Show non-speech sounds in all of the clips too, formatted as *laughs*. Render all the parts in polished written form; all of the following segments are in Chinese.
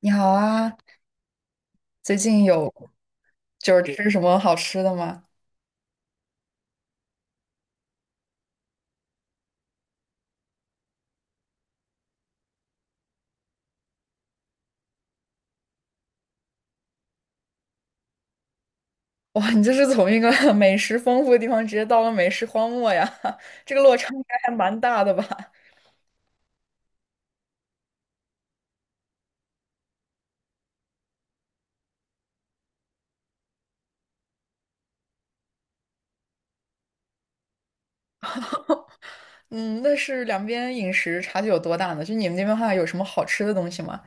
你好啊，最近有就是吃什么好吃的吗？哇，你这是从一个 *laughs* 美食丰富的地方直接到了美食荒漠呀，*laughs* 这个落差应该还蛮大的吧？嗯，那是两边饮食差距有多大呢？就你们那边的话，有什么好吃的东西吗？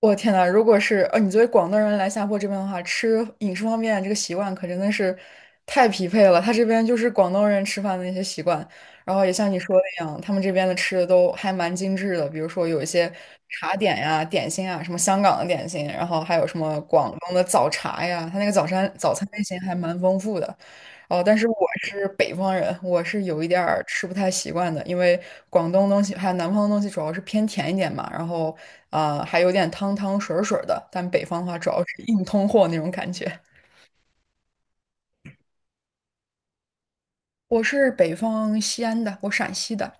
我天呐，如果是你作为广东人来下坡这边的话，吃饮食方面这个习惯可真的是太匹配了。他这边就是广东人吃饭的那些习惯，然后也像你说的一样，他们这边的吃的都还蛮精致的，比如说有一些茶点呀、点心啊，什么香港的点心，然后还有什么广东的早茶呀，他那个早餐类型还蛮丰富的。哦，但是我是北方人，我是有一点儿吃不太习惯的，因为广东东西还有南方的东西主要是偏甜一点嘛，然后还有点汤汤水儿水儿的，但北方的话主要是硬通货那种感觉。我是北方西安的，我陕西的。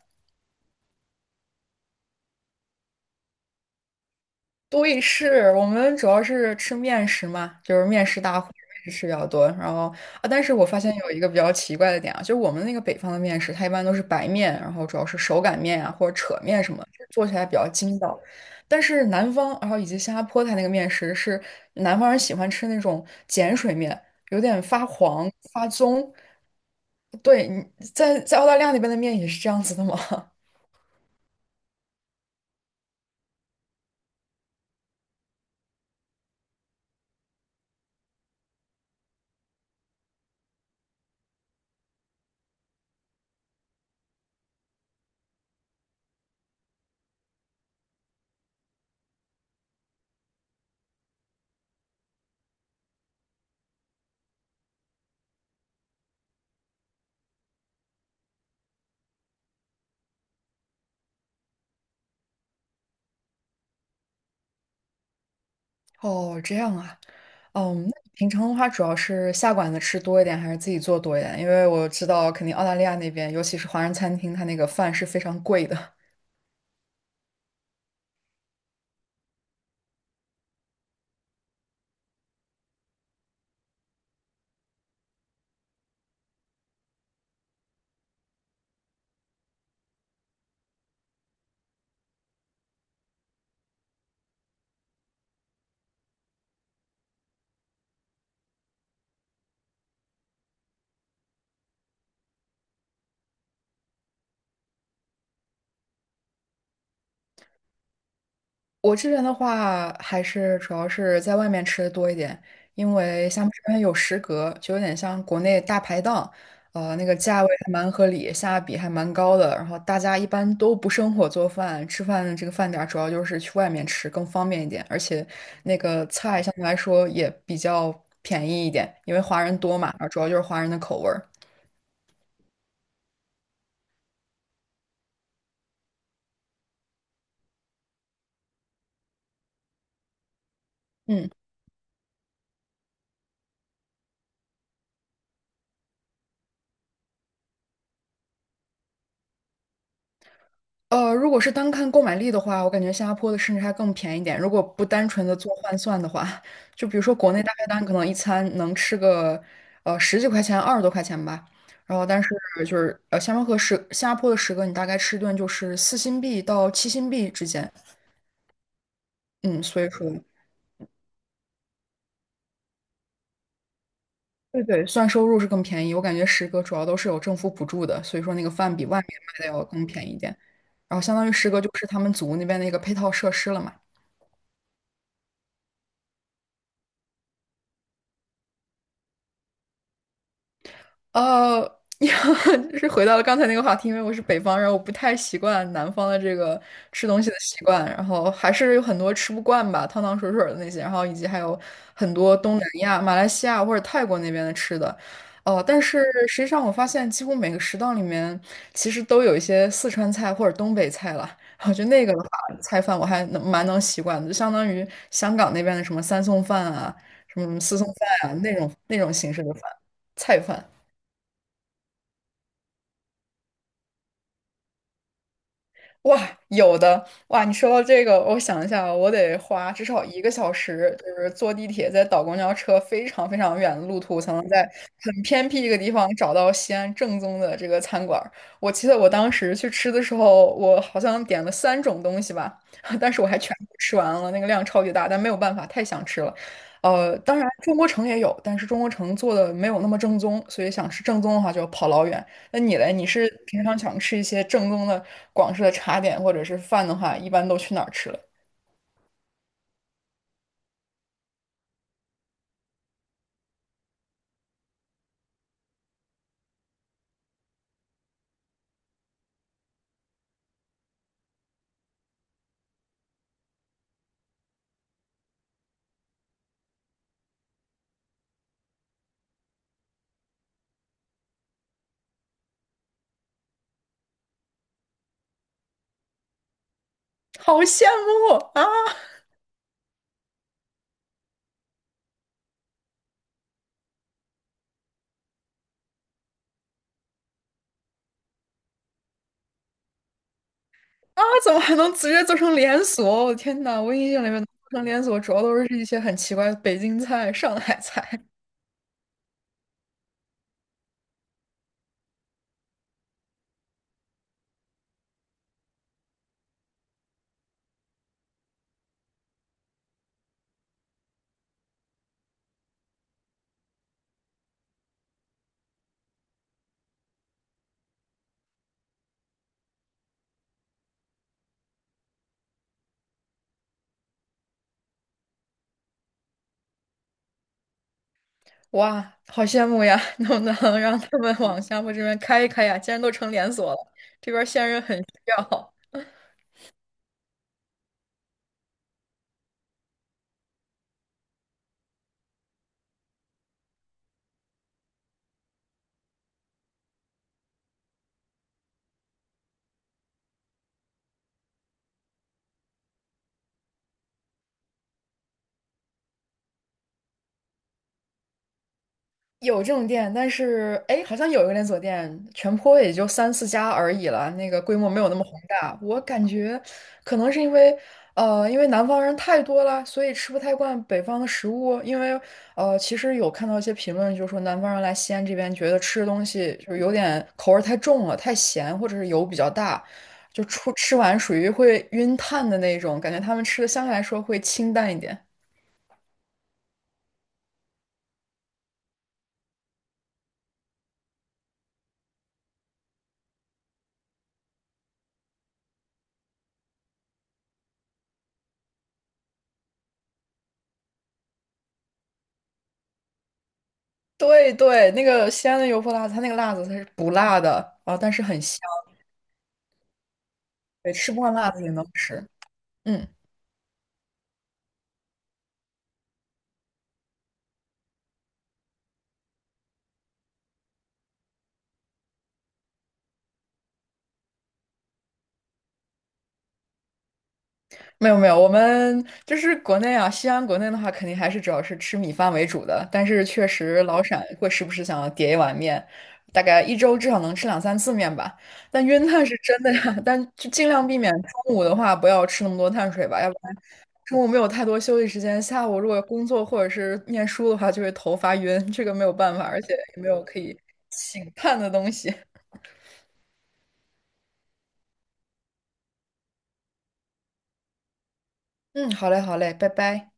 对，是我们主要是吃面食嘛，就是面食大户，面食吃比较多。然后啊，但是我发现有一个比较奇怪的点啊，就是我们那个北方的面食，它一般都是白面，然后主要是手擀面啊或者扯面什么，就是做起来比较筋道。但是南方，然后以及新加坡它那个面食是南方人喜欢吃那种碱水面，有点发黄发棕。对，你在澳大利亚那边的面也是这样子的吗？*laughs* 哦，这样啊。嗯，那你平常的话，主要是下馆子吃多一点，还是自己做多一点？因为我知道，肯定澳大利亚那边，尤其是华人餐厅，它那个饭是非常贵的。我这边的话，还是主要是在外面吃的多一点，因为像这边有食阁，就有点像国内大排档，那个价位还蛮合理，性价比还蛮高的。然后大家一般都不生火做饭，吃饭的这个饭点儿主要就是去外面吃更方便一点，而且那个菜相对来说也比较便宜一点，因为华人多嘛，然后主要就是华人的口味儿。嗯。如果是单看购买力的话，我感觉新加坡的甚至还更便宜点。如果不单纯的做换算的话，就比如说国内大概单可能一餐能吃个十几块钱、二十多块钱吧。然后但是就是新加坡和十新加坡的十个，你大概吃一顿就是四新币到七新币之间。嗯，所以说对对，算收入是更便宜。我感觉十个主要都是有政府补助的，所以说那个饭比外面卖的要更便宜一点。然后相当于十个就是他们组那边的一个配套设施了嘛。呃，*laughs* 就是回到了刚才那个话题，因为我是北方人，我不太习惯南方的这个吃东西的习惯，然后还是有很多吃不惯吧，汤汤水水的那些，然后以及还有很多东南亚、马来西亚或者泰国那边的吃的，哦、但是实际上我发现几乎每个食堂里面其实都有一些四川菜或者东北菜了，我觉得那个的话，菜饭我还能蛮能习惯的，就相当于香港那边的什么三送饭啊、什么四送饭啊那种形式的饭菜饭。哇，有的哇！你说到这个，我想一下，我得花至少一个小时，就是坐地铁，再倒公交车，非常非常远的路途，才能在很偏僻一个地方找到西安正宗的这个餐馆儿。我记得我当时去吃的时候，我好像点了三种东西吧，*laughs* 但是我还全部吃完了，那个量超级大，但没有办法，太想吃了。当然中国城也有，但是中国城做的没有那么正宗，所以想吃正宗的话，就要跑老远。那你嘞？你是平常想吃一些正宗的广式的茶点或者是饭的话，一般都去哪儿吃了？*laughs* 好羡慕啊！怎么还能直接做成连锁？我的天呐，我印象里面能做成连锁，主要都是一些很奇怪的北京菜、上海菜。哇，好羡慕呀！能不能让他们往厦门这边开一开呀？既然都成连锁了，这边儿线人很需要。有这种店，但是哎，诶好像有一个连锁店，全坡也就三四家而已了，那个规模没有那么宏大。我感觉可能是因为南方人太多了，所以吃不太惯北方的食物。因为，其实有看到一些评论，就是说南方人来西安这边，觉得吃的东西就是有点口味儿太重了，太咸，或者是油比较大，就出吃完属于会晕碳的那种，感觉他们吃的相对来说会清淡一点。对对，那个西安的油泼辣子，它那个辣子它是不辣的啊，但是很香，对，吃不惯辣子也能吃。嗯，没有没有，我们就是国内啊，西安国内的话，肯定还是主要是吃米饭为主的，但是确实老陕会时不时想要叠一碗面，大概一周至少能吃两三次面吧。但晕碳是真的呀，*laughs* 但就尽量避免中午的话不要吃那么多碳水吧，要不然。中午没有太多休息时间，下午如果工作或者是念书的话，就会头发晕，这个没有办法，而且也没有可以醒叹的东西。*laughs* 嗯，好嘞，好嘞，拜拜。